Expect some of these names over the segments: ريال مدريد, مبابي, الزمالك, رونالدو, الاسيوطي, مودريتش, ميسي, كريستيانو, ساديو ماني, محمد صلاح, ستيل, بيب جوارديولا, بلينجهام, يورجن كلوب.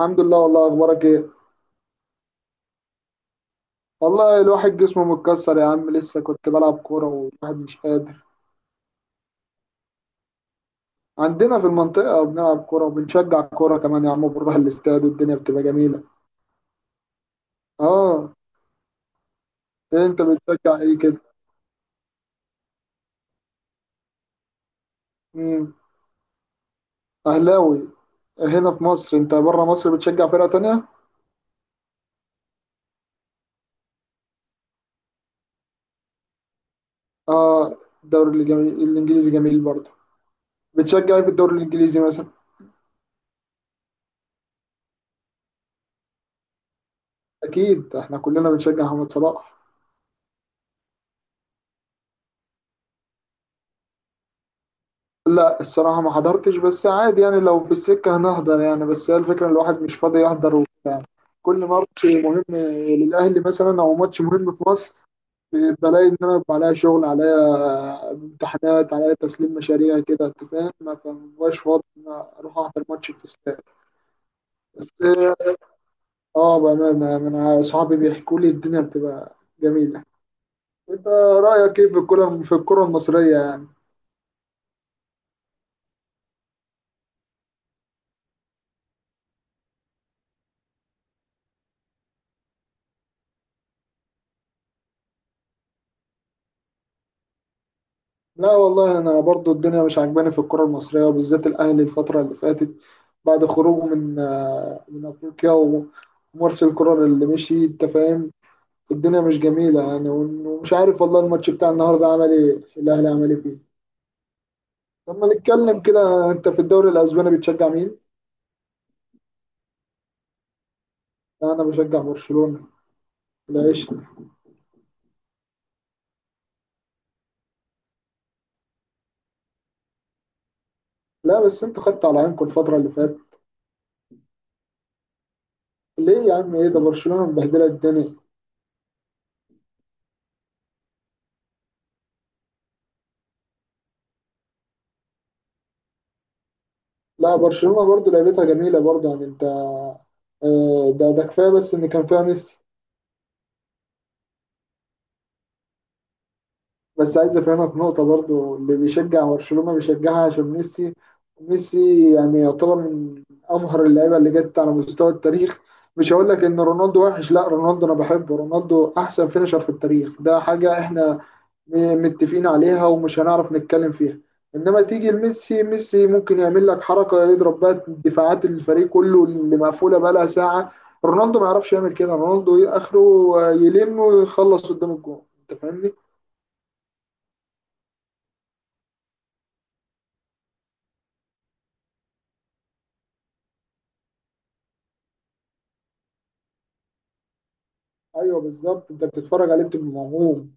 الحمد لله. والله، اخبارك ايه؟ والله الواحد جسمه متكسر يا عم، لسه كنت بلعب كوره والواحد مش قادر. عندنا في المنطقه بنلعب كوره، وبنشجع كوره كمان يا عم، بنروح الاستاد والدنيا بتبقى جميله. اه. إيه، انت بتشجع ايه كده؟ امم. اهلاوي. هنا في مصر. انت بره مصر بتشجع فرقه تانية؟ اه. الدوري الجميل، الانجليزي جميل برضه. بتشجع ايه في الدوري الانجليزي مثلا؟ اكيد احنا كلنا بنشجع محمد صلاح. لا الصراحة ما حضرتش، بس عادي يعني، لو في السكة هنحضر يعني، بس هي الفكرة إن الواحد مش فاضي يحضر وبتاع يعني. كل ماتش مهم للأهلي مثلا، أو ماتش مهم في مصر، بلاقي إن أنا بيبقى عليا شغل، عليا امتحانات، عليا تسليم مشاريع كده أنت فاهم، ما فمبقاش فاضي إن أنا أروح أحضر ماتش في استاد. بس، بأمانة يعني، أنا أصحابي بيحكوا لي الدنيا بتبقى جميلة. أنت رأيك إيه في الكرة المصرية يعني؟ لا والله، انا برضو الدنيا مش عاجباني في الكرة المصرية، وبالذات الاهلي الفترة اللي فاتت. بعد خروجه من من افريقيا ومارسيل كولر اللي مشي انت فاهم. الدنيا مش جميلة يعني، ومش عارف والله الماتش بتاع النهاردة عمل ايه. الاهلي عمل ايه فيه؟ لما نتكلم كده، انت في الدوري الاسباني بتشجع مين؟ لا انا بشجع برشلونة. العيش. لا، بس انتوا خدتوا على عينكم الفترة اللي فاتت. ليه يا عم؟ ايه ده، برشلونة مبهدلة الدنيا. لا برشلونة برضو لعبتها جميلة برضو يعني انت، ده كفاية بس ان كان فيها ميسي. بس عايز افهمك نقطة برضو، اللي بيشجع برشلونة بيشجعها عشان ميسي. ميسي يعني يعتبر من امهر اللعيبة اللي جت على مستوى التاريخ. مش هقول لك ان رونالدو وحش، لا رونالدو انا بحبه، رونالدو احسن فينيشر في التاريخ، ده حاجة احنا متفقين عليها ومش هنعرف نتكلم فيها. انما تيجي لميسي، ميسي ممكن يعمل لك حركه، يضرب بقى دفاعات الفريق كله اللي مقفوله بقى لها ساعه. رونالدو ما يعرفش يعمل كده، رونالدو إيه اخره؟ يلم ويخلص قدام الجون انت فاهمني. ايوه بالظبط، انت بتتفرج عليه بتبقى موهوم.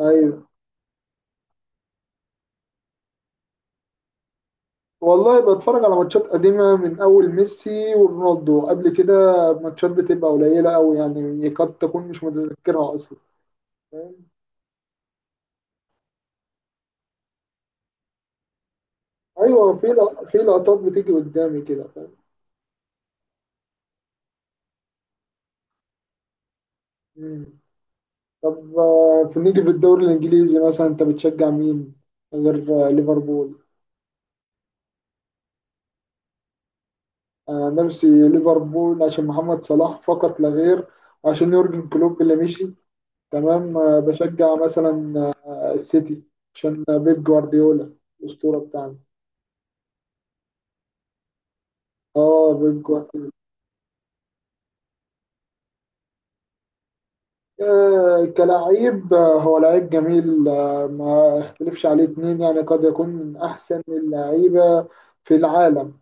ايوه والله بتفرج على ماتشات قديمه من اول ميسي ورونالدو قبل كده. ماتشات بتبقى قليله قوي يعني، قد تكون مش متذكرها اصلا. فاهم؟ ايوه، في في لقطات بتيجي قدامي كده فاهم. مم. طب، في نيجي في الدوري الانجليزي مثلا، انت بتشجع مين غير ليفربول؟ انا عن نفسي ليفربول عشان محمد صلاح فقط لا غير. عشان يورجن كلوب اللي مشي. تمام. بشجع مثلا السيتي، عشان بيب جوارديولا، الاسطوره بتاعنا. اه، بيب جوارديولا. كلاعب، هو لعيب جميل، ما اختلفش عليه اتنين يعني، قد يكون من احسن اللعيبه في العالم.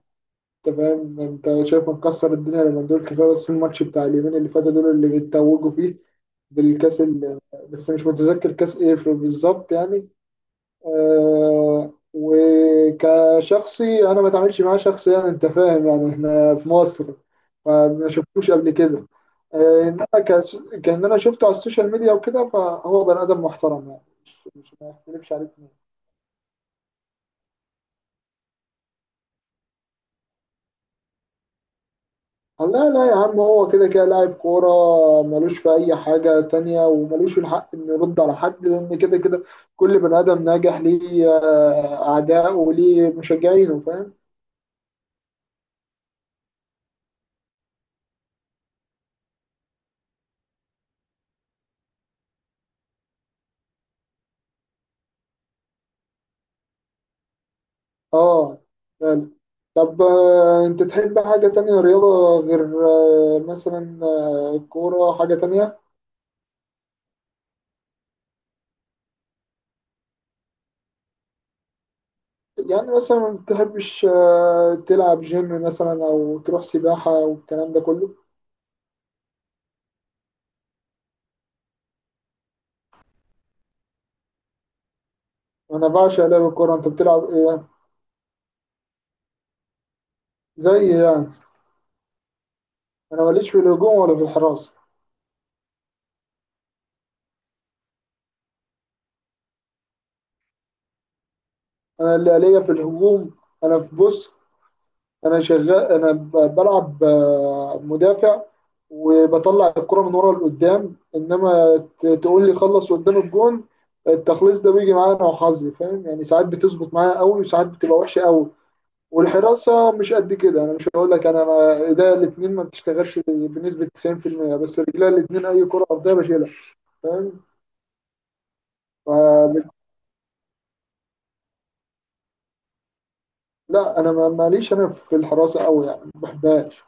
انت فاهم، انت شايفه مكسر الدنيا لما دول، كفايه بس الماتش بتاع اليومين اللي فاتوا دول اللي بيتوجوا فيه بالكاس بس مش متذكر كاس ايه بالظبط يعني. وكشخصي، انا ما اتعاملش معاه شخصيا انت فاهم يعني، احنا في مصر، فما شفتوش قبل كده. انما كان انا شفته على السوشيال ميديا وكده، فهو بني ادم محترم يعني، مش ما يختلفش عليك. قال لا لا يا عم، هو كده كده لاعب كورة، ملوش في أي حاجة تانية، وملوش الحق إنه يرد على حد، لأن كده كده كل بني آدم ناجح ليه أعداء وليه مشجعينه فاهم؟ آه، فعلا. طب، أنت تحب حاجة تانية رياضة غير مثلا الكورة، حاجة تانية؟ يعني مثلا ما بتحبش تلعب جيم مثلا، أو تروح سباحة والكلام ده كله؟ أنا بعشق لعب الكورة. أنت بتلعب إيه؟ زي إيه يعني؟ انا ماليش في الهجوم ولا في الحراسه. انا اللي ليا في الهجوم. انا في، بص، انا شغال، انا بلعب مدافع، وبطلع الكرة من ورا لقدام، انما تقول لي خلص قدام الجون. التخليص ده بيجي معايا انا وحظي، فاهم يعني، ساعات بتظبط معايا قوي، وساعات بتبقى وحشه قوي. والحراسه مش قد كده، انا مش هقول لك، انا ايديا الاثنين ما بتشتغلش بنسبه 90%، بس رجليا الاثنين اي كره ارضيه بشيلها. فاهم. لا انا ماليش انا في الحراسه قوي يعني، ما بحبهاش.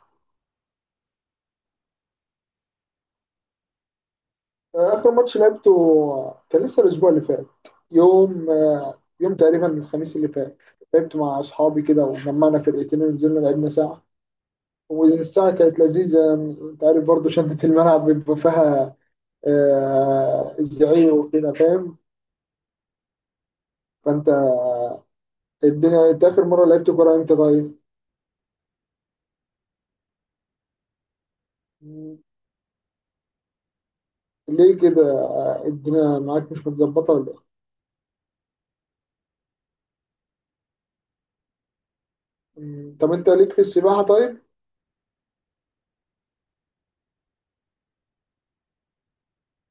اخر ماتش لعبته، كان لسه الاسبوع اللي فات. يوم يوم تقريبا الخميس اللي فات. لعبت مع اصحابي كده، وجمعنا فرقتين ونزلنا لعبنا ساعه. والساعه كانت لذيذه يعني، انت عارف برضه شده الملعب بيبقى فيها، الزعيق وكده فاهم. فانت، الدنيا، انت اخر مره لعبت كوره امتى طيب؟ مم. ليه كده؟ الدنيا معاك مش متظبطه ولا ايه؟ مم. طب انت ليك في السباحه طيب؟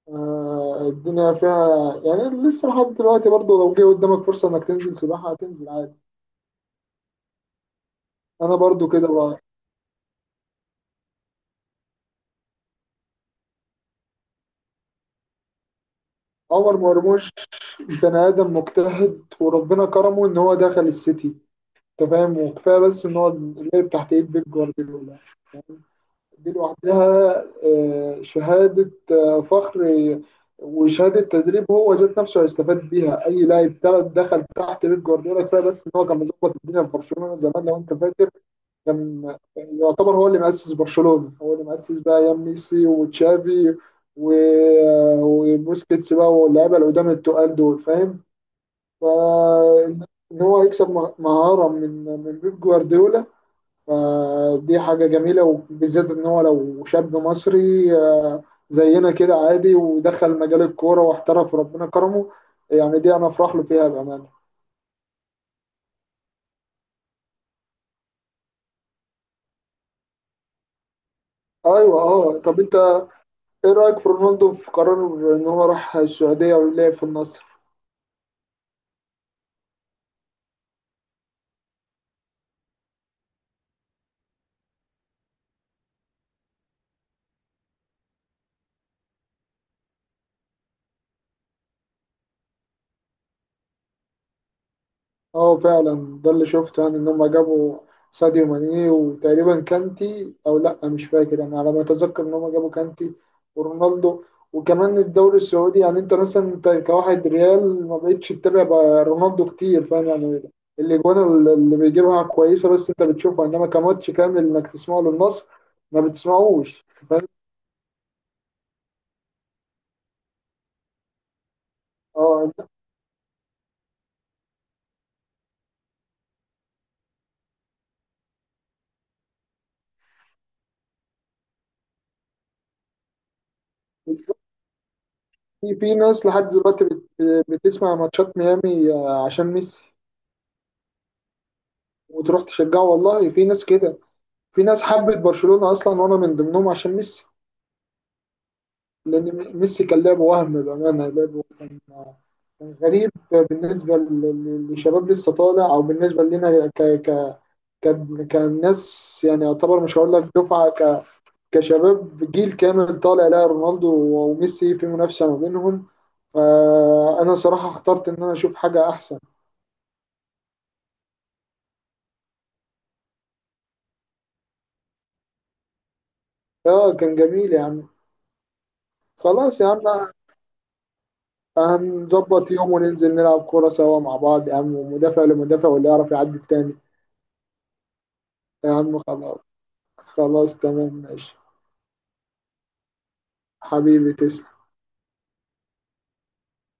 الدنيا فيها يعني، لسه لحد دلوقتي برضو لو جه قدامك فرصة انك تنزل سباحة هتنزل عادي. انا برضو كده بقى. عمر مرموش. بني ادم مجتهد، وربنا كرمه ان هو دخل السيتي. انت فاهم، وكفايه بس ان هو اللعب تحت ايد بيب جوارديولا، دي لوحدها شهادة فخر. آه، وشهادة تدريب، هو ذات نفسه هيستفاد بيها أي لاعب تلات دخل تحت بيب جوارديولا، كفاية بس إن هو كان مظبط الدنيا في برشلونة زمان لو أنت فاكر. كان يعتبر هو اللي مؤسس برشلونة، هو اللي مؤسس بقى أيام ميسي وتشافي و... آه، وبوسكيتس بقى، واللعيبة اللي قدام التقال دول فاهم. فإن هو يكسب مهارة من بيب جوارديولا، فدي حاجة جميلة، وبالذات إن هو لو شاب مصري، زينا كده عادي، ودخل مجال الكورة واحترف وربنا كرمه. يعني دي أنا أفرح له فيها بأمانة. أيوة، أه. طب أنت، إيه رأيك في رونالدو، في قرار إن هو راح السعودية ولعب في النصر؟ اه، فعلا. ده اللي شفته، يعني ان هم جابوا ساديو ماني وتقريبا كانتي، او لا، مش فاكر انا، على ما اتذكر ان هم جابوا كانتي ورونالدو. وكمان الدوري السعودي يعني، انت مثلا انت كواحد ريال ما بقتش تتابع بقى رونالدو كتير فاهم يعني، الاجوان اللي بيجيبها كويسه، بس انت بتشوفها، انما كماتش كامل انك تسمعه للنصر، ما بتسمعوش فاهم. اه، انت بتشوف- في ناس لحد دلوقتي بتسمع ماتشات ميامي عشان ميسي، وتروح تشجعه، والله في ناس كده. في ناس حبت برشلونة أصلا، وأنا من ضمنهم عشان ميسي. لأن ميسي كان لعبه، وهم بأمانة لعبه كان، كان غريب بالنسبة لشباب لسه طالع، أو بالنسبة لنا ك ك كان ناس يعني يعتبر، مش هقول لك دفعة كشباب، جيل كامل طالع لا رونالدو وميسي في منافسة ما بينهم. فأنا صراحة اخترت إن أنا أشوف حاجة أحسن. كان جميل يا عم. خلاص يا عم. هنظبط يوم وننزل نلعب كورة سوا مع بعض يا عم، ومدافع لمدافع، واللي يعرف يعدي التاني. يا عم، خلاص. خلاص، تمام، ماشي. حبيبي، تسلم.